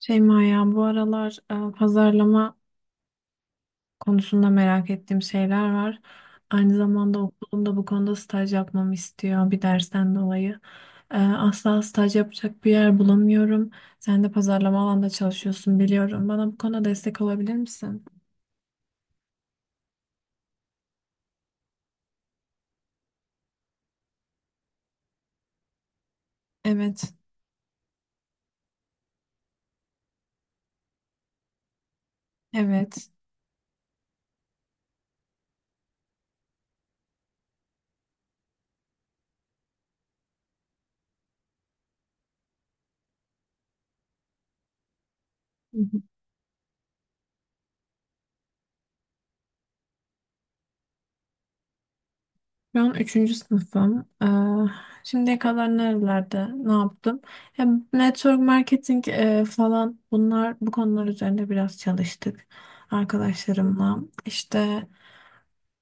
Şeyma ya bu aralar pazarlama konusunda merak ettiğim şeyler var. Aynı zamanda okulum da bu konuda staj yapmamı istiyor bir dersten dolayı. Asla staj yapacak bir yer bulamıyorum. Sen de pazarlama alanda çalışıyorsun biliyorum. Bana bu konuda destek olabilir misin? Evet, evet. Şu an üçüncü sınıfım. Şimdiye kadar nerelerde ne yaptım? Hem network marketing falan bunlar bu konular üzerinde biraz çalıştık arkadaşlarımla. İşte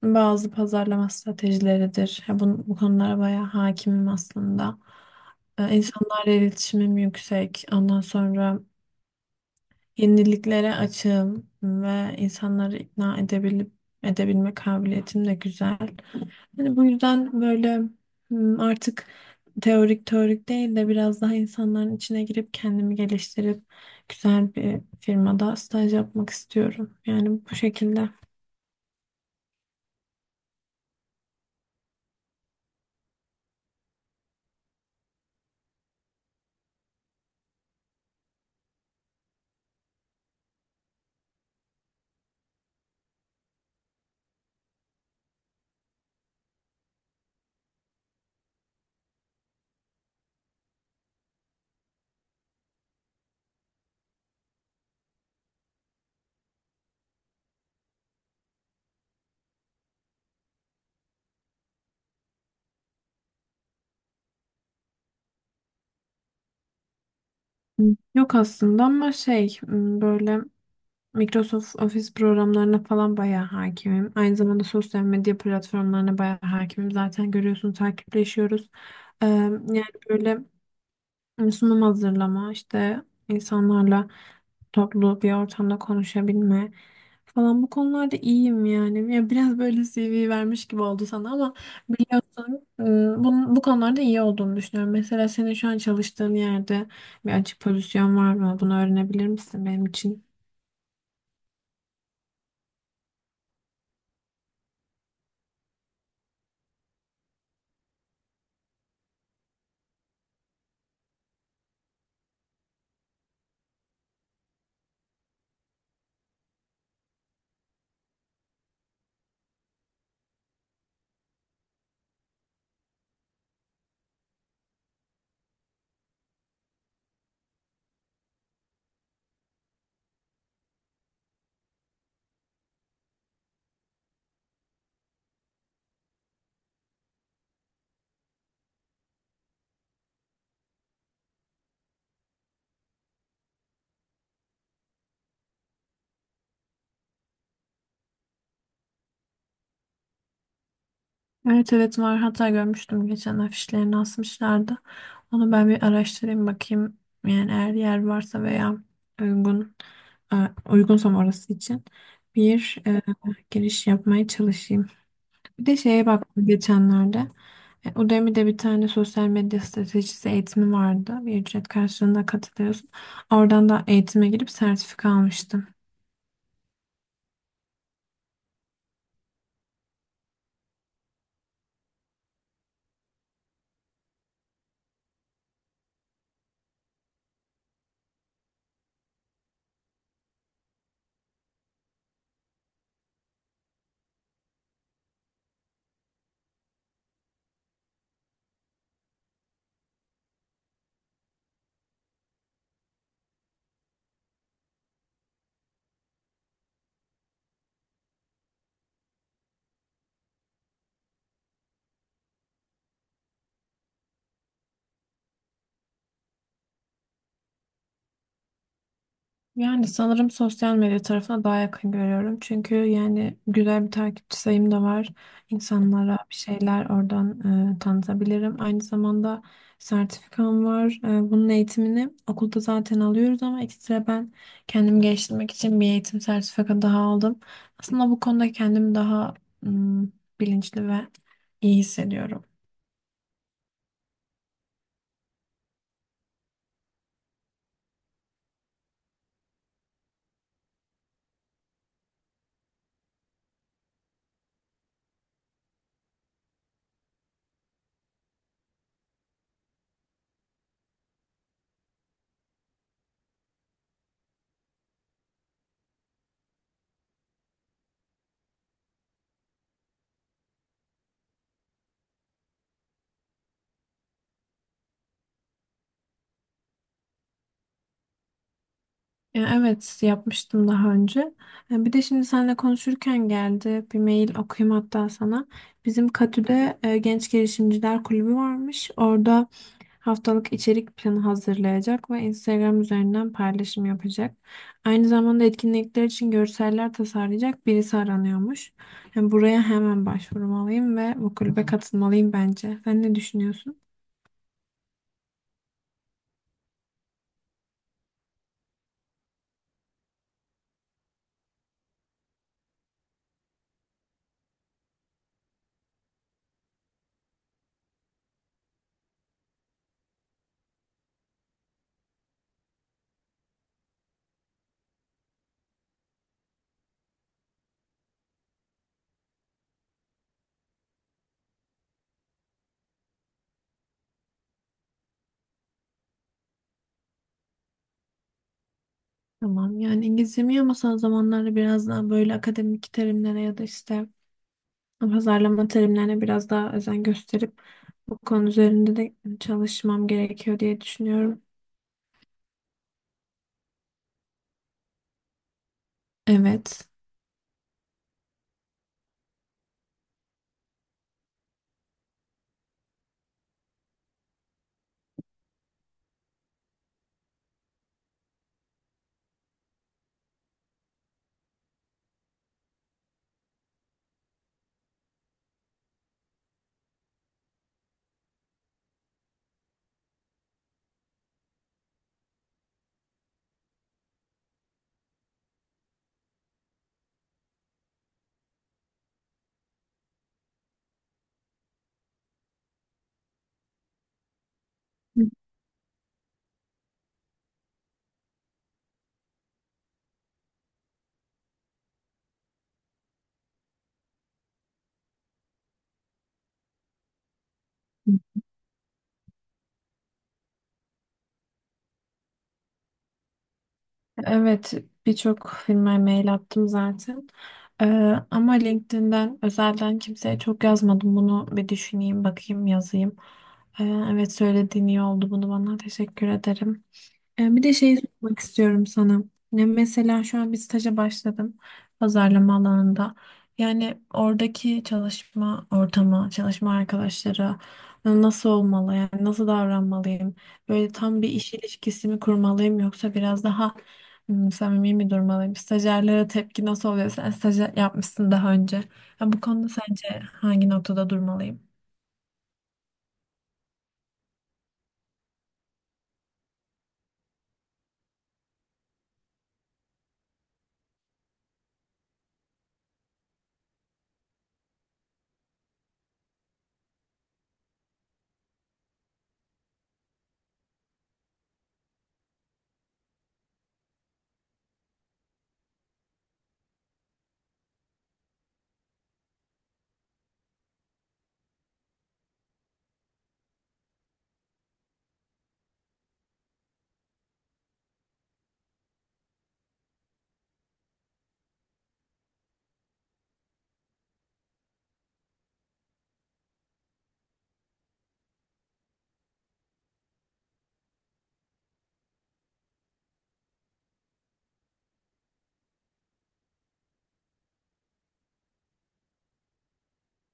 bazı pazarlama stratejileridir. Ya bu konulara bayağı hakimim aslında. İnsanlarla iletişimim yüksek. Ondan sonra yeniliklere açığım ve insanları ikna edebilip edebilme kabiliyetim de güzel. Hani bu yüzden böyle artık teorik değil de biraz daha insanların içine girip kendimi geliştirip güzel bir firmada staj yapmak istiyorum. Yani bu şekilde. Yok aslında ama böyle Microsoft Office programlarına falan bayağı hakimim. Aynı zamanda sosyal medya platformlarına bayağı hakimim. Zaten görüyorsun takipleşiyoruz. Yani böyle sunum hazırlama, işte insanlarla toplu bir ortamda konuşabilme falan bu konularda iyiyim yani. Ya biraz böyle CV vermiş gibi oldu sana ama biliyorsun bu konularda iyi olduğunu düşünüyorum. Mesela senin şu an çalıştığın yerde bir açık pozisyon var mı? Bunu öğrenebilir misin benim için? Evet, evet, var. Hatta görmüştüm geçen afişlerini asmışlardı. Onu ben bir araştırayım bakayım. Yani eğer yer varsa veya uygun e, uygunsam orası için bir giriş yapmaya çalışayım. Bir de şeye baktım geçenlerde. Udemy'de bir tane sosyal medya stratejisi eğitimi vardı. Bir ücret karşılığında katılıyorsun. Oradan da eğitime girip sertifika almıştım. Yani sanırım sosyal medya tarafına daha yakın görüyorum. Çünkü yani güzel bir takipçi sayım da var. İnsanlara bir şeyler oradan tanıtabilirim. Aynı zamanda sertifikam var. Bunun eğitimini okulda zaten alıyoruz ama ekstra ben kendimi geliştirmek için bir eğitim sertifika daha aldım. Aslında bu konuda kendimi daha mm, bilinçli ve iyi hissediyorum. Ya evet, yapmıştım daha önce. Bir de şimdi seninle konuşurken geldi bir mail, okuyayım hatta sana. Bizim Katü'de Genç Girişimciler Kulübü varmış. Orada haftalık içerik planı hazırlayacak ve Instagram üzerinden paylaşım yapacak. Aynı zamanda etkinlikler için görseller tasarlayacak birisi aranıyormuş. Yani buraya hemen başvurmalıyım ve bu kulübe katılmalıyım bence. Sen ne düşünüyorsun? Tamam, yani İngilizcem ama son zamanlarda biraz daha böyle akademik terimlere ya da işte pazarlama terimlerine biraz daha özen gösterip bu konu üzerinde de çalışmam gerekiyor diye düşünüyorum. Evet. Evet, birçok firmaya mail attım zaten. Ee, Ama LinkedIn'den özelden kimseye çok yazmadım. Bunu bir düşüneyim, bakayım, yazayım. Ee, evet, söylediğin iyi oldu. Bunu bana, teşekkür ederim. Bir de şeyi sormak istiyorum sana. Ya mesela şu an bir staja başladım pazarlama alanında. Yani oradaki çalışma ortamı, çalışma arkadaşları nasıl olmalı? Yani nasıl davranmalıyım? Böyle tam bir iş ilişkisi mi kurmalıyım yoksa biraz daha samimi mi durmalıyım? Stajyerlere tepki nasıl oluyor? Sen stajyer yapmışsın daha önce. Ya bu konuda sence hangi noktada durmalıyım?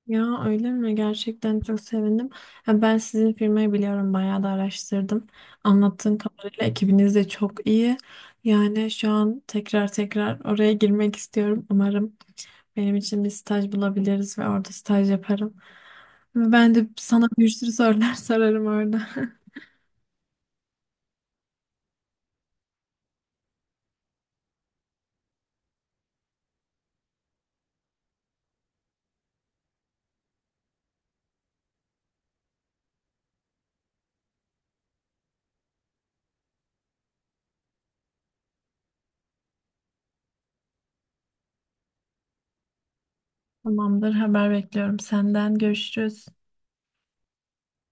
Ya öyle mi? Gerçekten çok sevindim. Ha, ben sizin firmayı biliyorum. Bayağı da araştırdım. Anlattığın kadarıyla ekibiniz de çok iyi. Yani şu an tekrar tekrar oraya girmek istiyorum. Umarım benim için bir staj bulabiliriz ve orada staj yaparım. Ben de sana bir sürü sorular sorarım orada. Tamamdır, haber bekliyorum senden. Görüşürüz.